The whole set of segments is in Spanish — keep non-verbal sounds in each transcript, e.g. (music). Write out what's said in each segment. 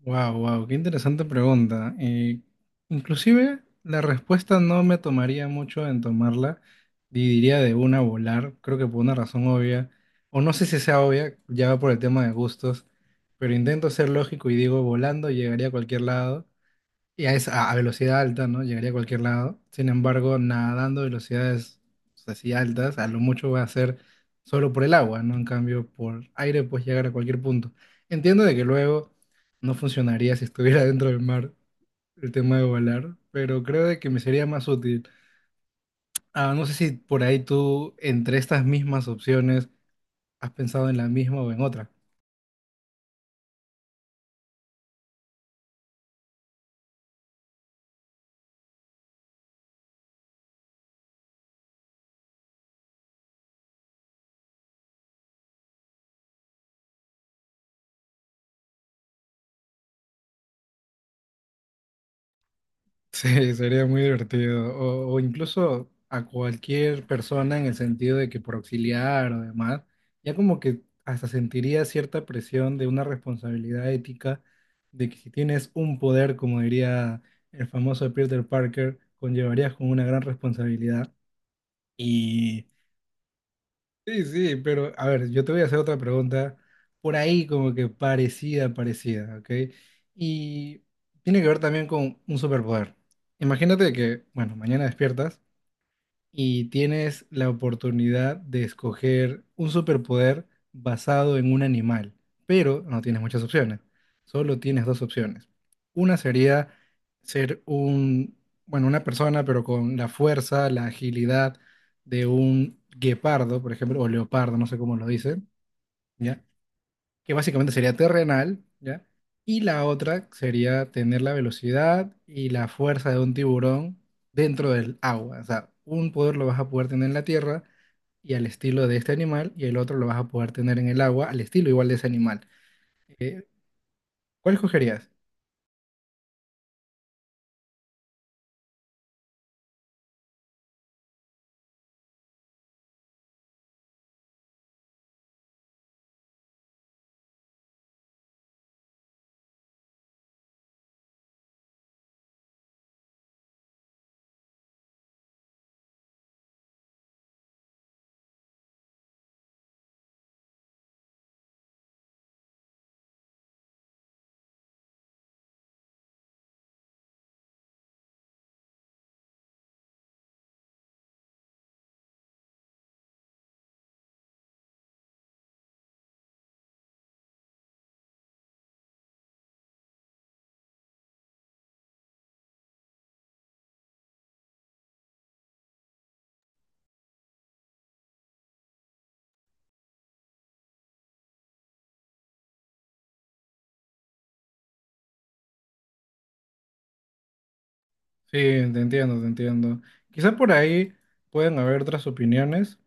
Wow, wow, qué interesante pregunta. Inclusive la respuesta no me tomaría mucho en tomarla y diría de una volar, creo que por una razón obvia, o no sé si sea obvia, ya va por el tema de gustos, pero intento ser lógico y digo volando llegaría a cualquier lado y a, esa, a velocidad alta, ¿no? Llegaría a cualquier lado. Sin embargo, nadando a velocidades así altas, a lo mucho va a ser solo por el agua, ¿no? En cambio, por aire puedes llegar a cualquier punto. Entiendo de que luego no funcionaría si estuviera (laughs) dentro del mar el tema de volar, pero creo de que me sería más útil. Ah, no sé si por ahí tú, entre estas mismas opciones, has pensado en la misma o en otra. Sí, sería muy divertido. O incluso a cualquier persona en el sentido de que por auxiliar o demás, ya como que hasta sentiría cierta presión de una responsabilidad ética de que si tienes un poder, como diría el famoso Peter Parker, conllevarías con una gran responsabilidad. Sí, sí, pero a ver, yo te voy a hacer otra pregunta por ahí como que parecida, parecida, ¿ok? Y tiene que ver también con un superpoder. Imagínate que, bueno, mañana despiertas y tienes la oportunidad de escoger un superpoder basado en un animal, pero no tienes muchas opciones, solo tienes dos opciones. Una sería ser un, bueno, una persona, pero con la fuerza, la agilidad de un guepardo, por ejemplo, o leopardo, no sé cómo lo dicen, ¿ya? Que básicamente sería terrenal, ¿ya? Y la otra sería tener la velocidad y la fuerza de un tiburón dentro del agua. O sea, un poder lo vas a poder tener en la tierra y al estilo de este animal, y el otro lo vas a poder tener en el agua al estilo igual de ese animal. Eh, ¿Cuál escogerías? Sí, te entiendo, te entiendo. Quizá por ahí pueden haber otras opiniones,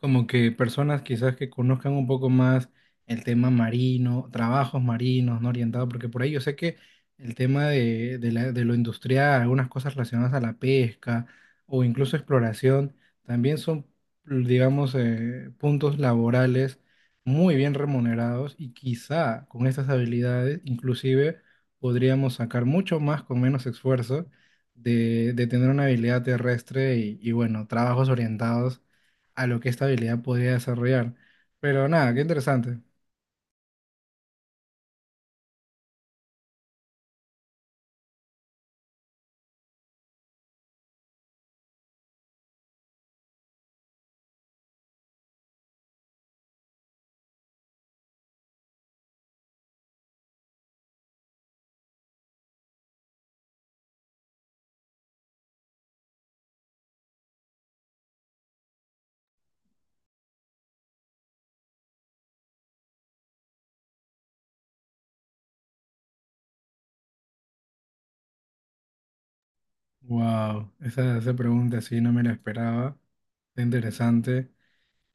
como que personas quizás que conozcan un poco más el tema marino, trabajos marinos, ¿no? Orientados, porque por ahí yo sé que el tema de, de lo industrial, algunas cosas relacionadas a la pesca o incluso exploración, también son, digamos, puntos laborales muy bien remunerados y quizá con estas habilidades inclusive podríamos sacar mucho más con menos esfuerzo de tener una habilidad terrestre y bueno, trabajos orientados a lo que esta habilidad podría desarrollar. Pero nada, qué interesante. Wow, esa pregunta sí no me la esperaba. Qué interesante.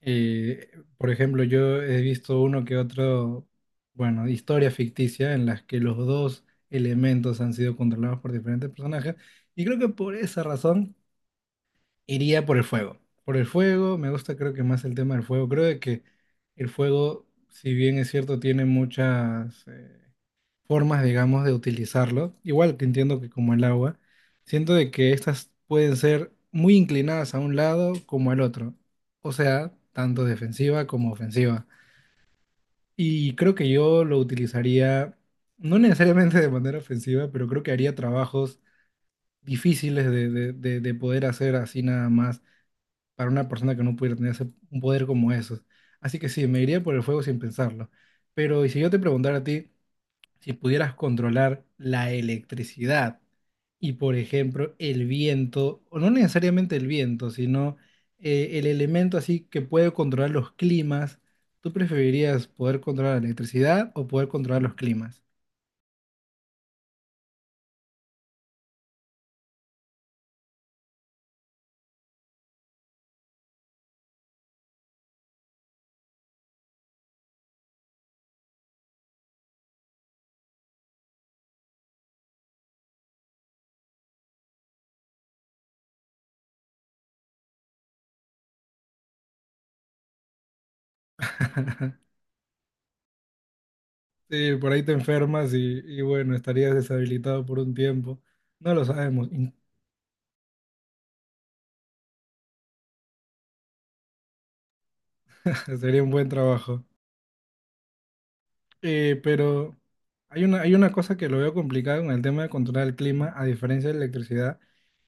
Por ejemplo, yo he visto uno que otro, bueno, historia ficticia en las que los dos elementos han sido controlados por diferentes personajes. Y creo que por esa razón iría por el fuego. Por el fuego, me gusta creo que más el tema del fuego. Creo de que el fuego, si bien es cierto, tiene muchas formas, digamos, de utilizarlo. Igual que entiendo que como el agua, siento de que estas pueden ser muy inclinadas a un lado como al otro, o sea, tanto defensiva como ofensiva. Y creo que yo lo utilizaría, no necesariamente de manera ofensiva, pero creo que haría trabajos difíciles de, de poder hacer así nada más para una persona que no pudiera tener un poder como esos. Así que sí, me iría por el fuego sin pensarlo. Pero, y si yo te preguntara a ti, si pudieras controlar la electricidad y, por ejemplo, el viento, o no necesariamente el viento, sino el elemento así que puede controlar los climas, ¿tú preferirías poder controlar la electricidad o poder controlar los climas? (laughs) Sí, por ahí te enfermas y bueno, estarías deshabilitado por un tiempo. No lo sabemos. (laughs) Sería un buen trabajo. Pero hay una cosa que lo veo complicado con el tema de controlar el clima, a diferencia de la electricidad,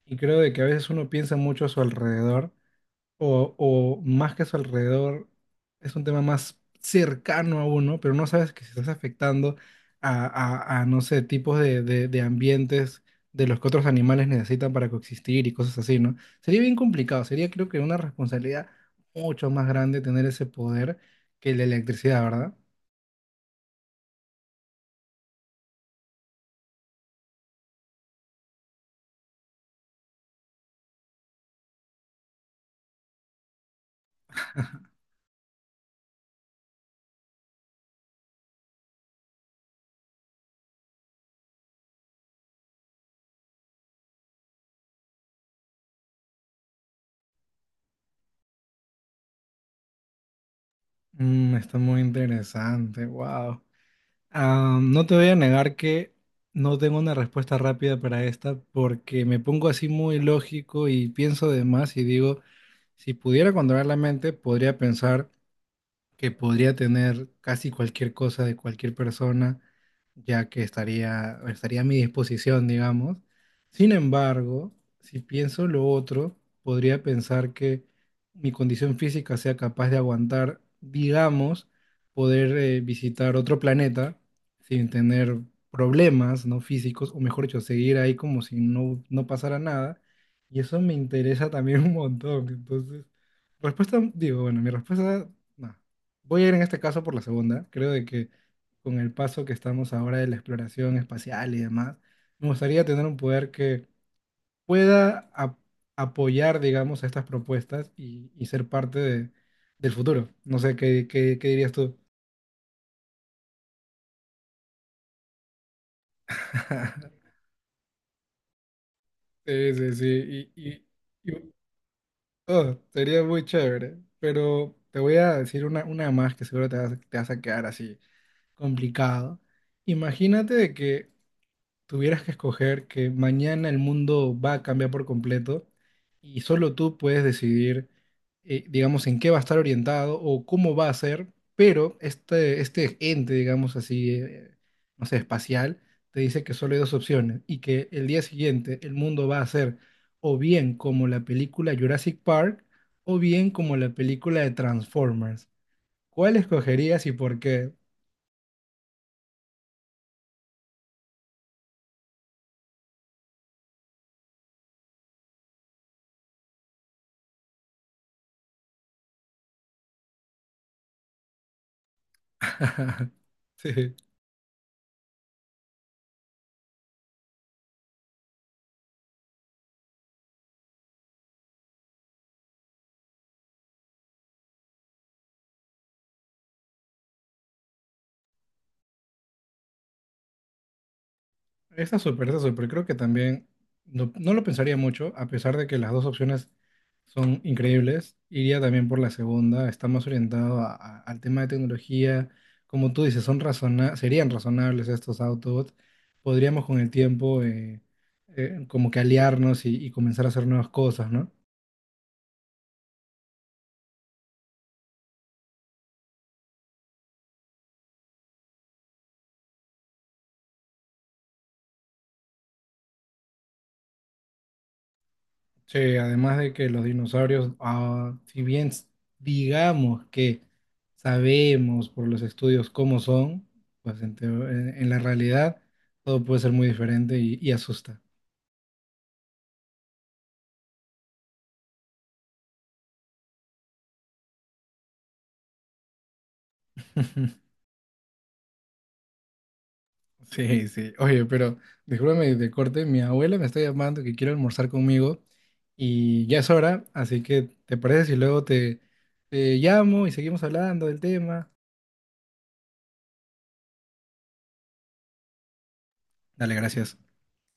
y creo de que a veces uno piensa mucho a su alrededor, o más que a su alrededor, es un tema más cercano a uno, pero no sabes que se estás afectando a, a, no sé, tipos de, de ambientes de los que otros animales necesitan para coexistir y cosas así, ¿no? Sería bien complicado, sería creo que una responsabilidad mucho más grande tener ese poder que la electricidad, ¿verdad? Mm, está muy interesante, wow. No te voy a negar que no tengo una respuesta rápida para esta porque me pongo así muy lógico y pienso de más y digo, si pudiera controlar la mente, podría pensar que podría tener casi cualquier cosa de cualquier persona ya que estaría, estaría a mi disposición, digamos. Sin embargo, si pienso lo otro, podría pensar que mi condición física sea capaz de aguantar, digamos, poder visitar otro planeta sin tener problemas, ¿no? Físicos, o mejor dicho, seguir ahí como si no, no pasara nada. Y eso me interesa también (laughs) un montón. Entonces, respuesta, digo, bueno, mi respuesta, no. Voy a ir en este caso por la segunda. Creo de que con el paso que estamos ahora de la exploración espacial y demás, me gustaría tener un poder que pueda apoyar, digamos, estas propuestas y ser parte del futuro. No sé, ¿qué, qué, qué dirías tú? (laughs) Sí, sí, sí. Y, y- y- oh, sería muy chévere. Pero te voy a decir una más que seguro te vas a quedar así complicado. Imagínate de que tuvieras que escoger que mañana el mundo va a cambiar por completo y solo tú puedes decidir, digamos, en qué va a estar orientado o cómo va a ser, pero este ente, digamos así, no sé, espacial, te dice que solo hay dos opciones y que el día siguiente el mundo va a ser o bien como la película Jurassic Park o bien como la película de Transformers. ¿Cuál escogerías y por qué? (laughs) Sí. Está súper, está súper. Creo que también no, no lo pensaría mucho, a pesar de que las dos opciones son increíbles. Iría también por la segunda, está más orientado al tema de tecnología. Como tú dices, son razona serían razonables estos autos. Podríamos con el tiempo como que aliarnos y comenzar a hacer nuevas cosas, ¿no? Sí, además de que los dinosaurios, ah, si bien digamos que sabemos por los estudios cómo son, pues en, en la realidad todo puede ser muy diferente y asusta. (laughs) Sí, sí. Oye, pero discúlpame de corte, mi abuela me está llamando que quiere almorzar conmigo y ya es hora, así que ¿te parece si luego te, te llamo y seguimos hablando del tema? Dale, gracias.